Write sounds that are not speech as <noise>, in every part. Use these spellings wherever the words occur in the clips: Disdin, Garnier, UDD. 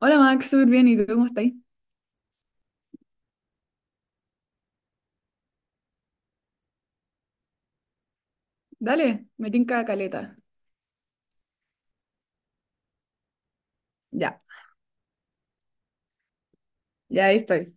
Hola Max, súper bien. ¿Y tú cómo estáis? Dale, me tinca caleta. Ya, ya ahí estoy.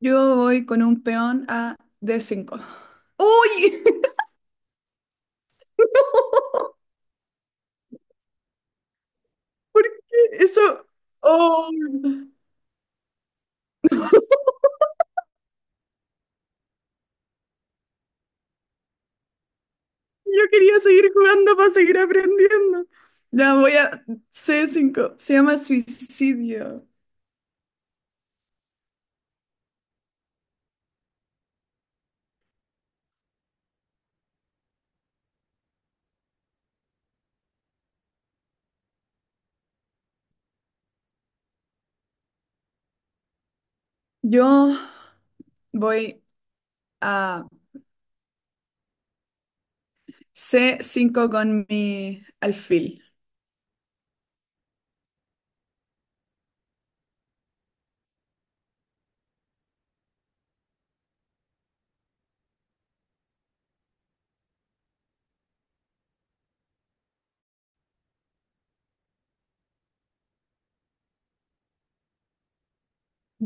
Yo voy con un peón a D5. ¡Uy! <laughs> ¿Por qué eso? ¡Oh! <laughs> Yo quería seguir jugando para seguir aprendiendo. Ya voy a C5. Se llama suicidio. Yo voy a C5 con mi alfil.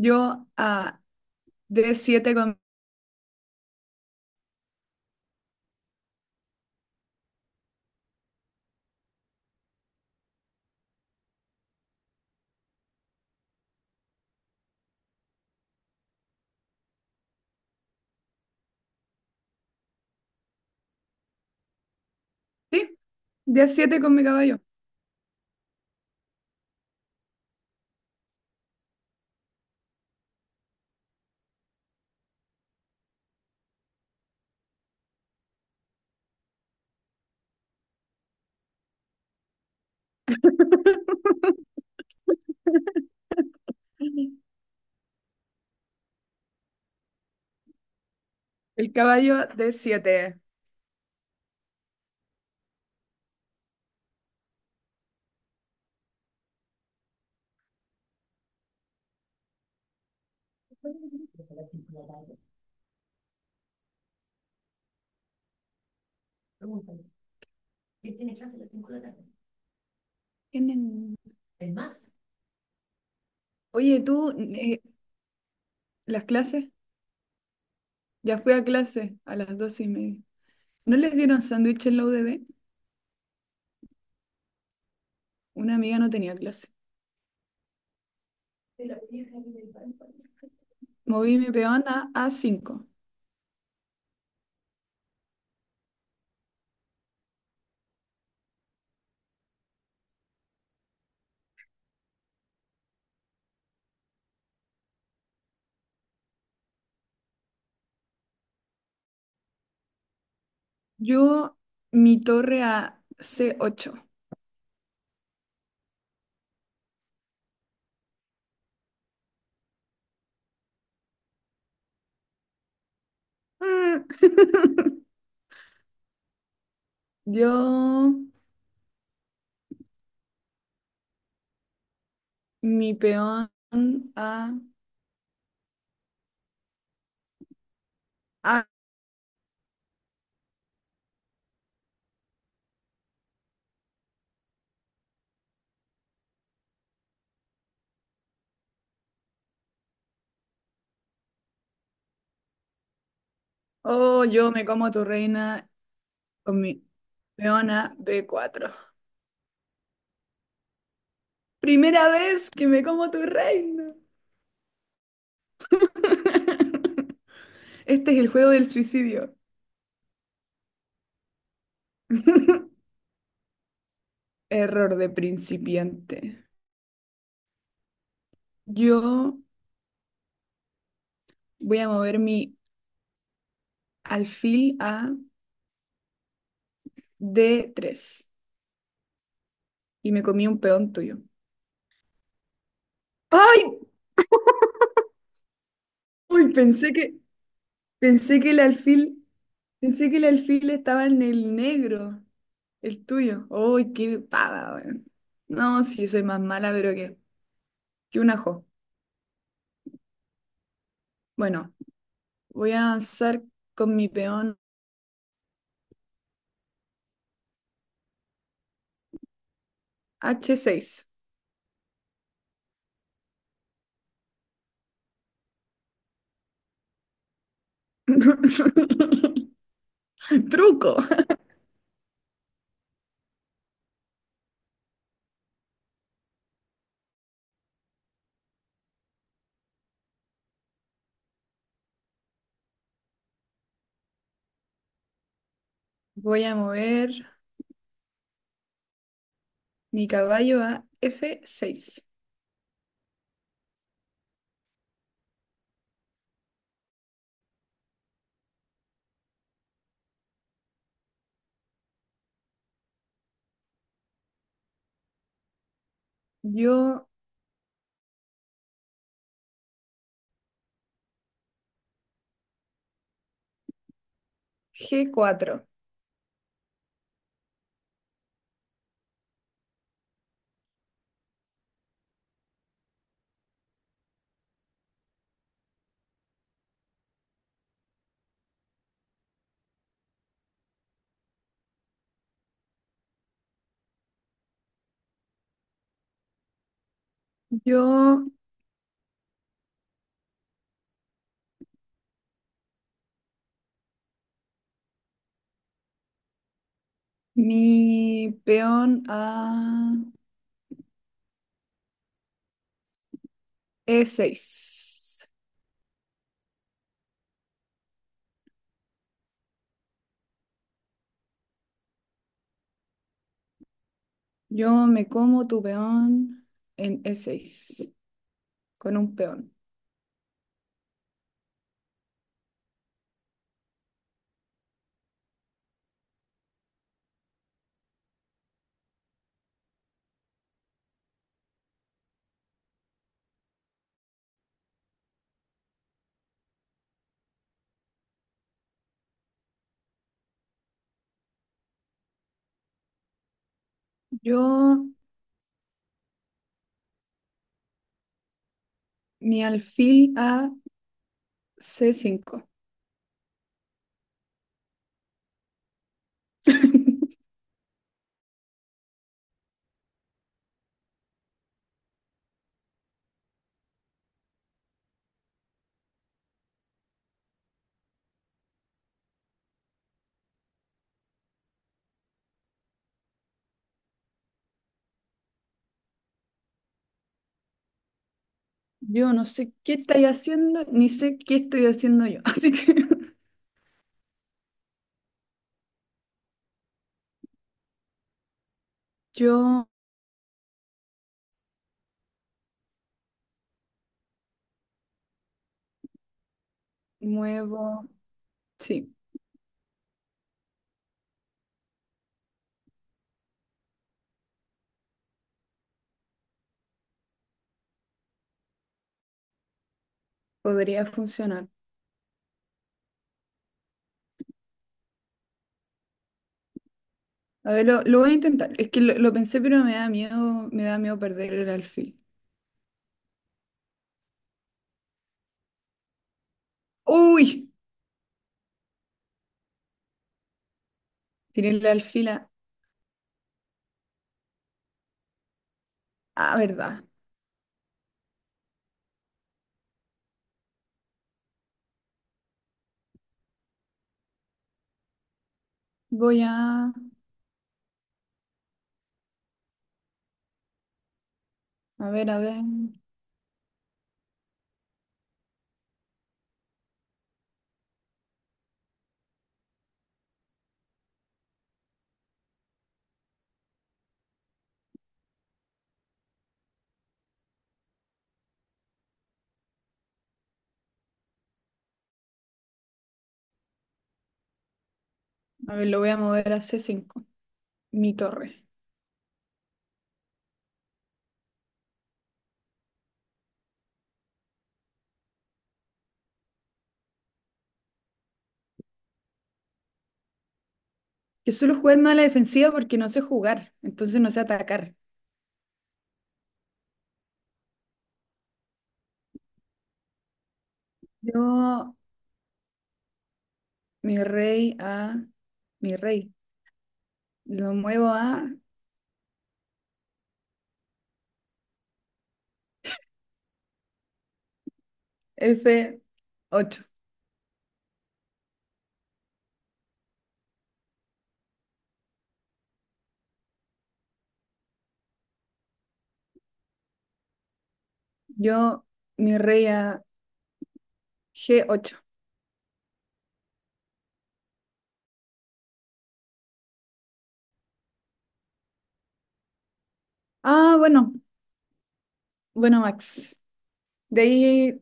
Yo a D7 con. Sí, D7 con mi caballo. El caballo de siete. Tienen- Oye, tú, las clases, ya fui a clase a las 12:30. ¿No les dieron sándwich en la UDD? Una amiga no tenía clase. Moví mi peón a A5. Yo, mi torre a C8. Mm. <laughs> Yo, mi peón a, a. Oh, yo me como a tu reina con mi peón a B4. Primera vez que me como tu reina. <laughs> Este es el juego del suicidio. <laughs> Error de principiante. Yo voy a mover mi alfil a D3 y me comí un peón tuyo. ¡Ay! Uy, pensé que el alfil, pensé que el alfil estaba en el negro, el tuyo. ¡Ay, qué pava, weón! No, si yo soy más mala, pero que un ajo. Bueno, voy a avanzar con mi peón H6. <laughs> <laughs> El Truco. Voy a mover mi caballo a F6. Yo G4. Yo mi peón a E6. Yo me como tu peón en E6 con un peón. Yo mi alfil a C5. <laughs> Yo no sé qué estáis haciendo, ni sé qué estoy haciendo yo. Así que <laughs> yo muevo, sí, podría funcionar. A ver, lo voy a intentar. Es que lo pensé, pero me da miedo perder el alfil. ¡Uy! Tiré el alfil a. Ah, verdad. Voy a. A ver, a ver. A ver, lo voy a mover a C5. Mi torre. Que suelo jugar más a la defensiva porque no sé jugar. Entonces no sé atacar. Yo, mi rey a. Mi rey. Lo muevo a F8. Yo, mi rey a G8. Ah, bueno. Bueno, Max. De ahí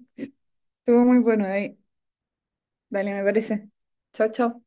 Estuvo muy bueno, Dai. Dale, me parece. Chao, chao.